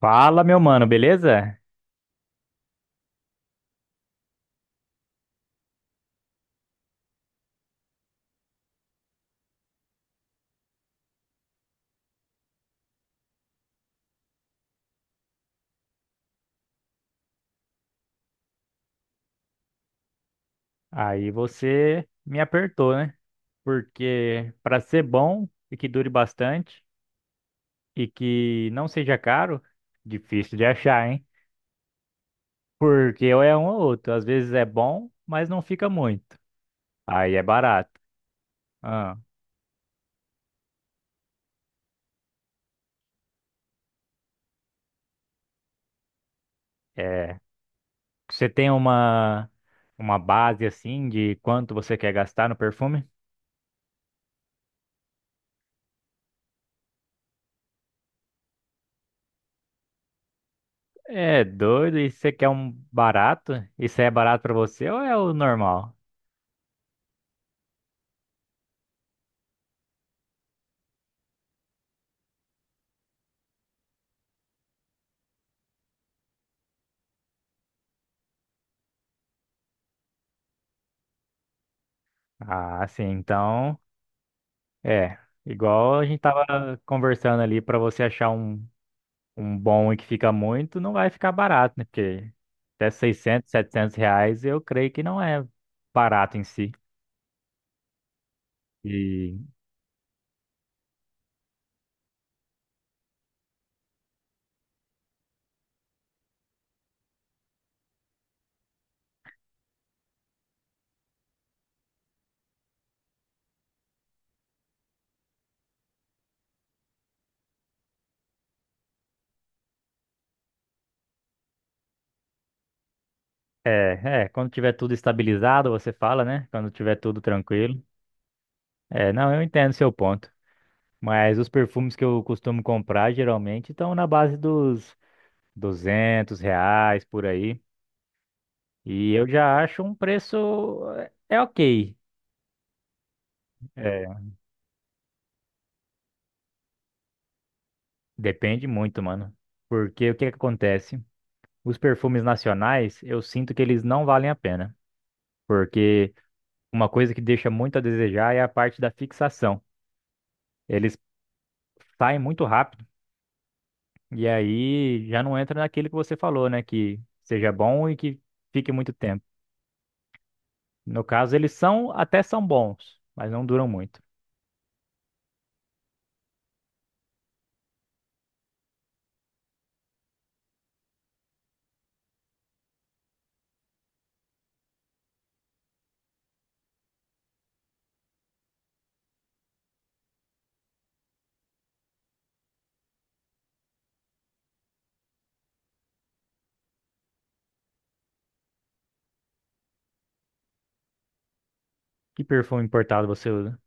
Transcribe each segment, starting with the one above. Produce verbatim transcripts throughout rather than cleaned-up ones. Fala, meu mano, beleza? Aí você me apertou, né? Porque para ser bom e que dure bastante e que não seja caro, difícil de achar, hein? Porque ou é um ou outro. Às vezes é bom, mas não fica muito. Aí é barato. Ah, é. Você tem uma uma base assim de quanto você quer gastar no perfume? É doido, e você quer um barato? Isso é barato para você ou é o normal? Ah, sim, então. É, igual a gente tava conversando ali, para você achar um, um bom e que fica muito, não vai ficar barato, né? Porque até seiscentos, setecentos reais eu creio que não é barato em si. E é, é, quando tiver tudo estabilizado, você fala, né? Quando tiver tudo tranquilo. É, não, eu entendo seu ponto. Mas os perfumes que eu costumo comprar geralmente estão na base dos duzentos reais por aí. E eu já acho um preço é é ok. É, depende muito, mano. Porque o que que acontece? Os perfumes nacionais, eu sinto que eles não valem a pena. Porque uma coisa que deixa muito a desejar é a parte da fixação. Eles saem muito rápido e aí já não entra naquilo que você falou, né? Que seja bom e que fique muito tempo. No caso, eles são, até são bons, mas não duram muito. Que perfume importado você usa?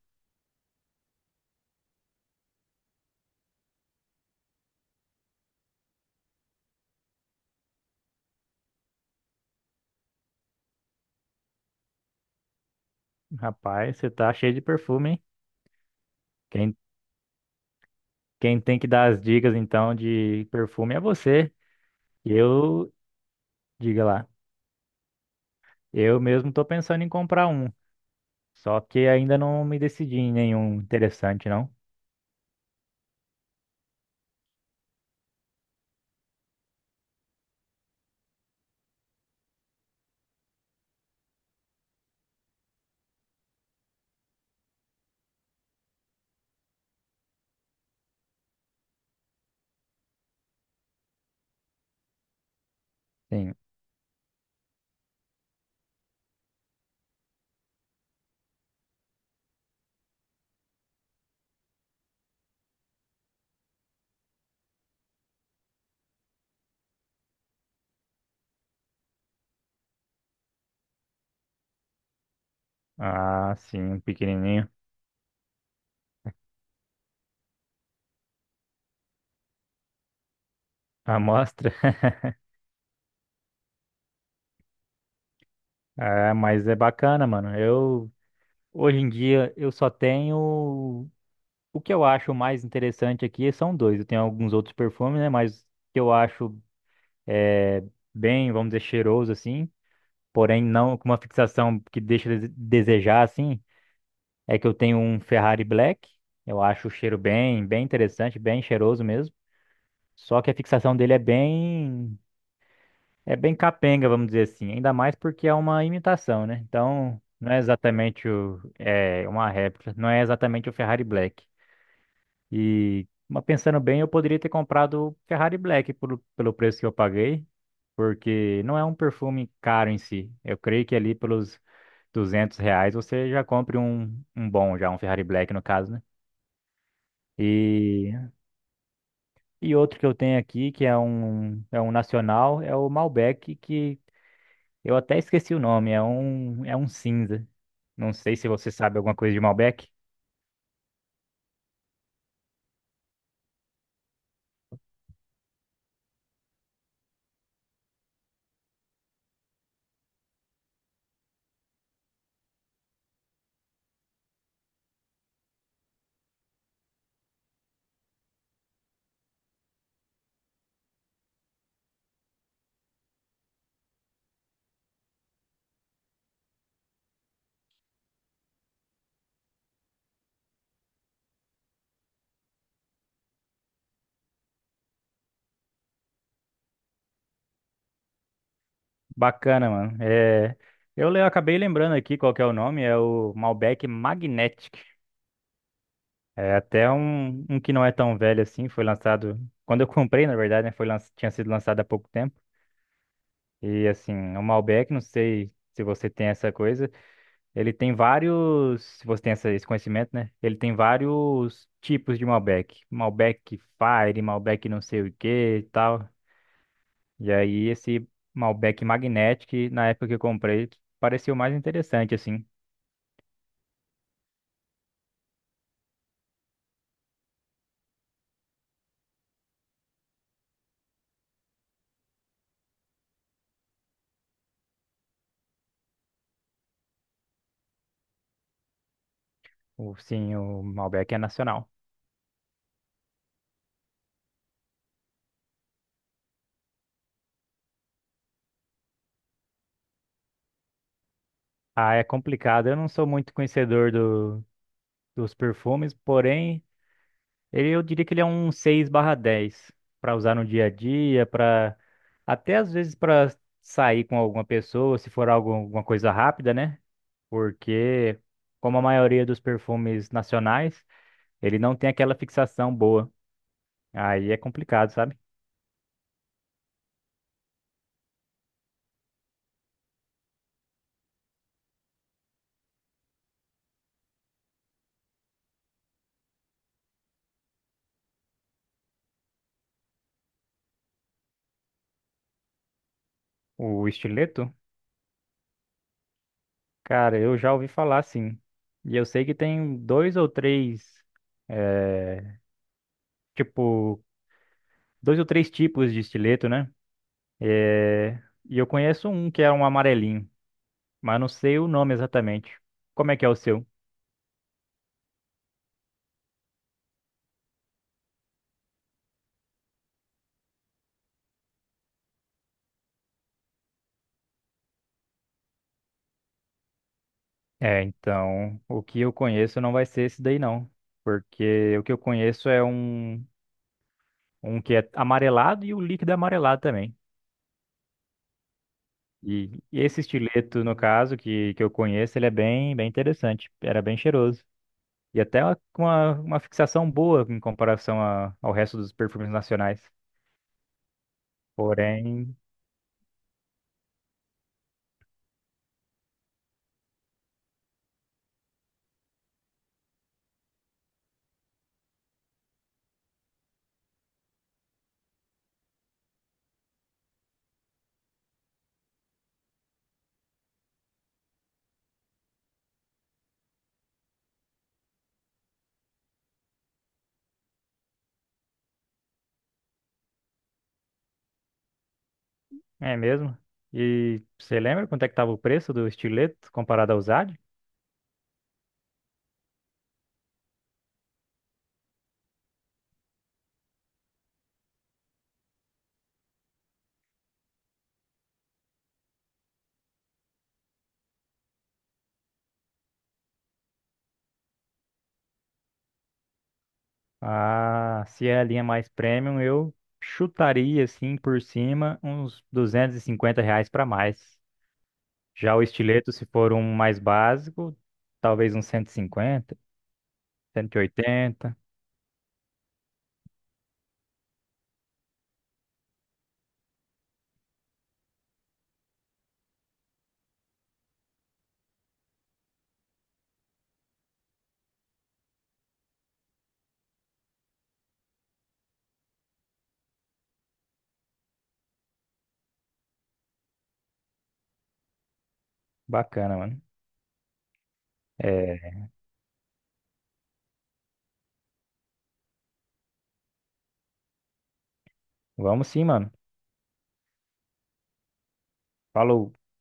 Rapaz, você tá cheio de perfume, hein? Quem, Quem tem que dar as dicas, então, de perfume é você. Eu, Diga lá. Eu mesmo tô pensando em comprar um, só que ainda não me decidi em nenhum interessante, não. Sim. Ah, sim, um pequenininho. A amostra. É, mas é bacana, mano. Eu Hoje em dia eu só tenho o que eu acho mais interessante aqui são dois. Eu tenho alguns outros perfumes, né, mas o que eu acho é, bem, vamos dizer, cheiroso assim, porém não com uma fixação que deixa a dese- desejar assim. É que eu tenho um Ferrari Black. Eu acho o cheiro bem, bem interessante, bem cheiroso mesmo. Só que a fixação dele é bem, é bem capenga, vamos dizer assim. Ainda mais porque é uma imitação, né? Então, não é exatamente o, é uma réplica, não é exatamente o Ferrari Black. E, mas pensando bem, eu poderia ter comprado o Ferrari Black pelo, pelo preço que eu paguei, porque não é um perfume caro em si. Eu creio que ali pelos duzentos reais você já compre um, um bom, já um Ferrari Black no caso, né? E E outro que eu tenho aqui, que é um, é um nacional, é o Malbec, que eu até esqueci o nome, é um, é um cinza. Não sei se você sabe alguma coisa de Malbec. Bacana, mano. É, eu le- acabei lembrando aqui qual que é o nome, é o Malbec Magnetic. É até um, um que não é tão velho assim, foi lançado... Quando eu comprei, na verdade, né, foi lan- tinha sido lançado há pouco tempo. E assim, o Malbec, não sei se você tem essa coisa, ele tem vários, se você tem essa- esse conhecimento, né? Ele tem vários tipos de Malbec. Malbec Fire, Malbec não sei o que e tal. E aí esse Malbec Magnetic, na época que eu comprei, pareceu mais interessante, assim. O, sim, o Malbec é nacional. Ah, é complicado. Eu não sou muito conhecedor do, dos perfumes, porém Ele, eu diria que ele é um seis barra dez para usar no dia a dia, para até às vezes para sair com alguma pessoa, se for algo, alguma coisa rápida, né? Porque como a maioria dos perfumes nacionais, ele não tem aquela fixação boa. Aí é complicado, sabe? O estileto, cara, eu já ouvi falar sim. E eu sei que tem dois ou três é, tipo, dois ou três tipos de estileto, né? É, e eu conheço um que é um amarelinho, mas não sei o nome exatamente. Como é que é o seu? É, então, o que eu conheço não vai ser esse daí não, porque o que eu conheço é um um que é amarelado e o líquido é amarelado também. E, e esse estileto, no caso, que, que eu conheço, ele é bem, bem interessante, era bem cheiroso. E até uma- com uma, uma fixação boa em comparação a- ao resto dos perfumes nacionais. Porém, é mesmo. E você lembra quanto é que estava o preço do estileto comparado ao Zad? Ah, se é a linha mais premium, eu chutaria assim por cima uns duzentos e cinquenta reais para mais. Já o estileto, se for um mais básico, talvez uns cento cento e cinquenta, cento e oitenta. Bacana, mano. É, vamos sim, mano. Falou.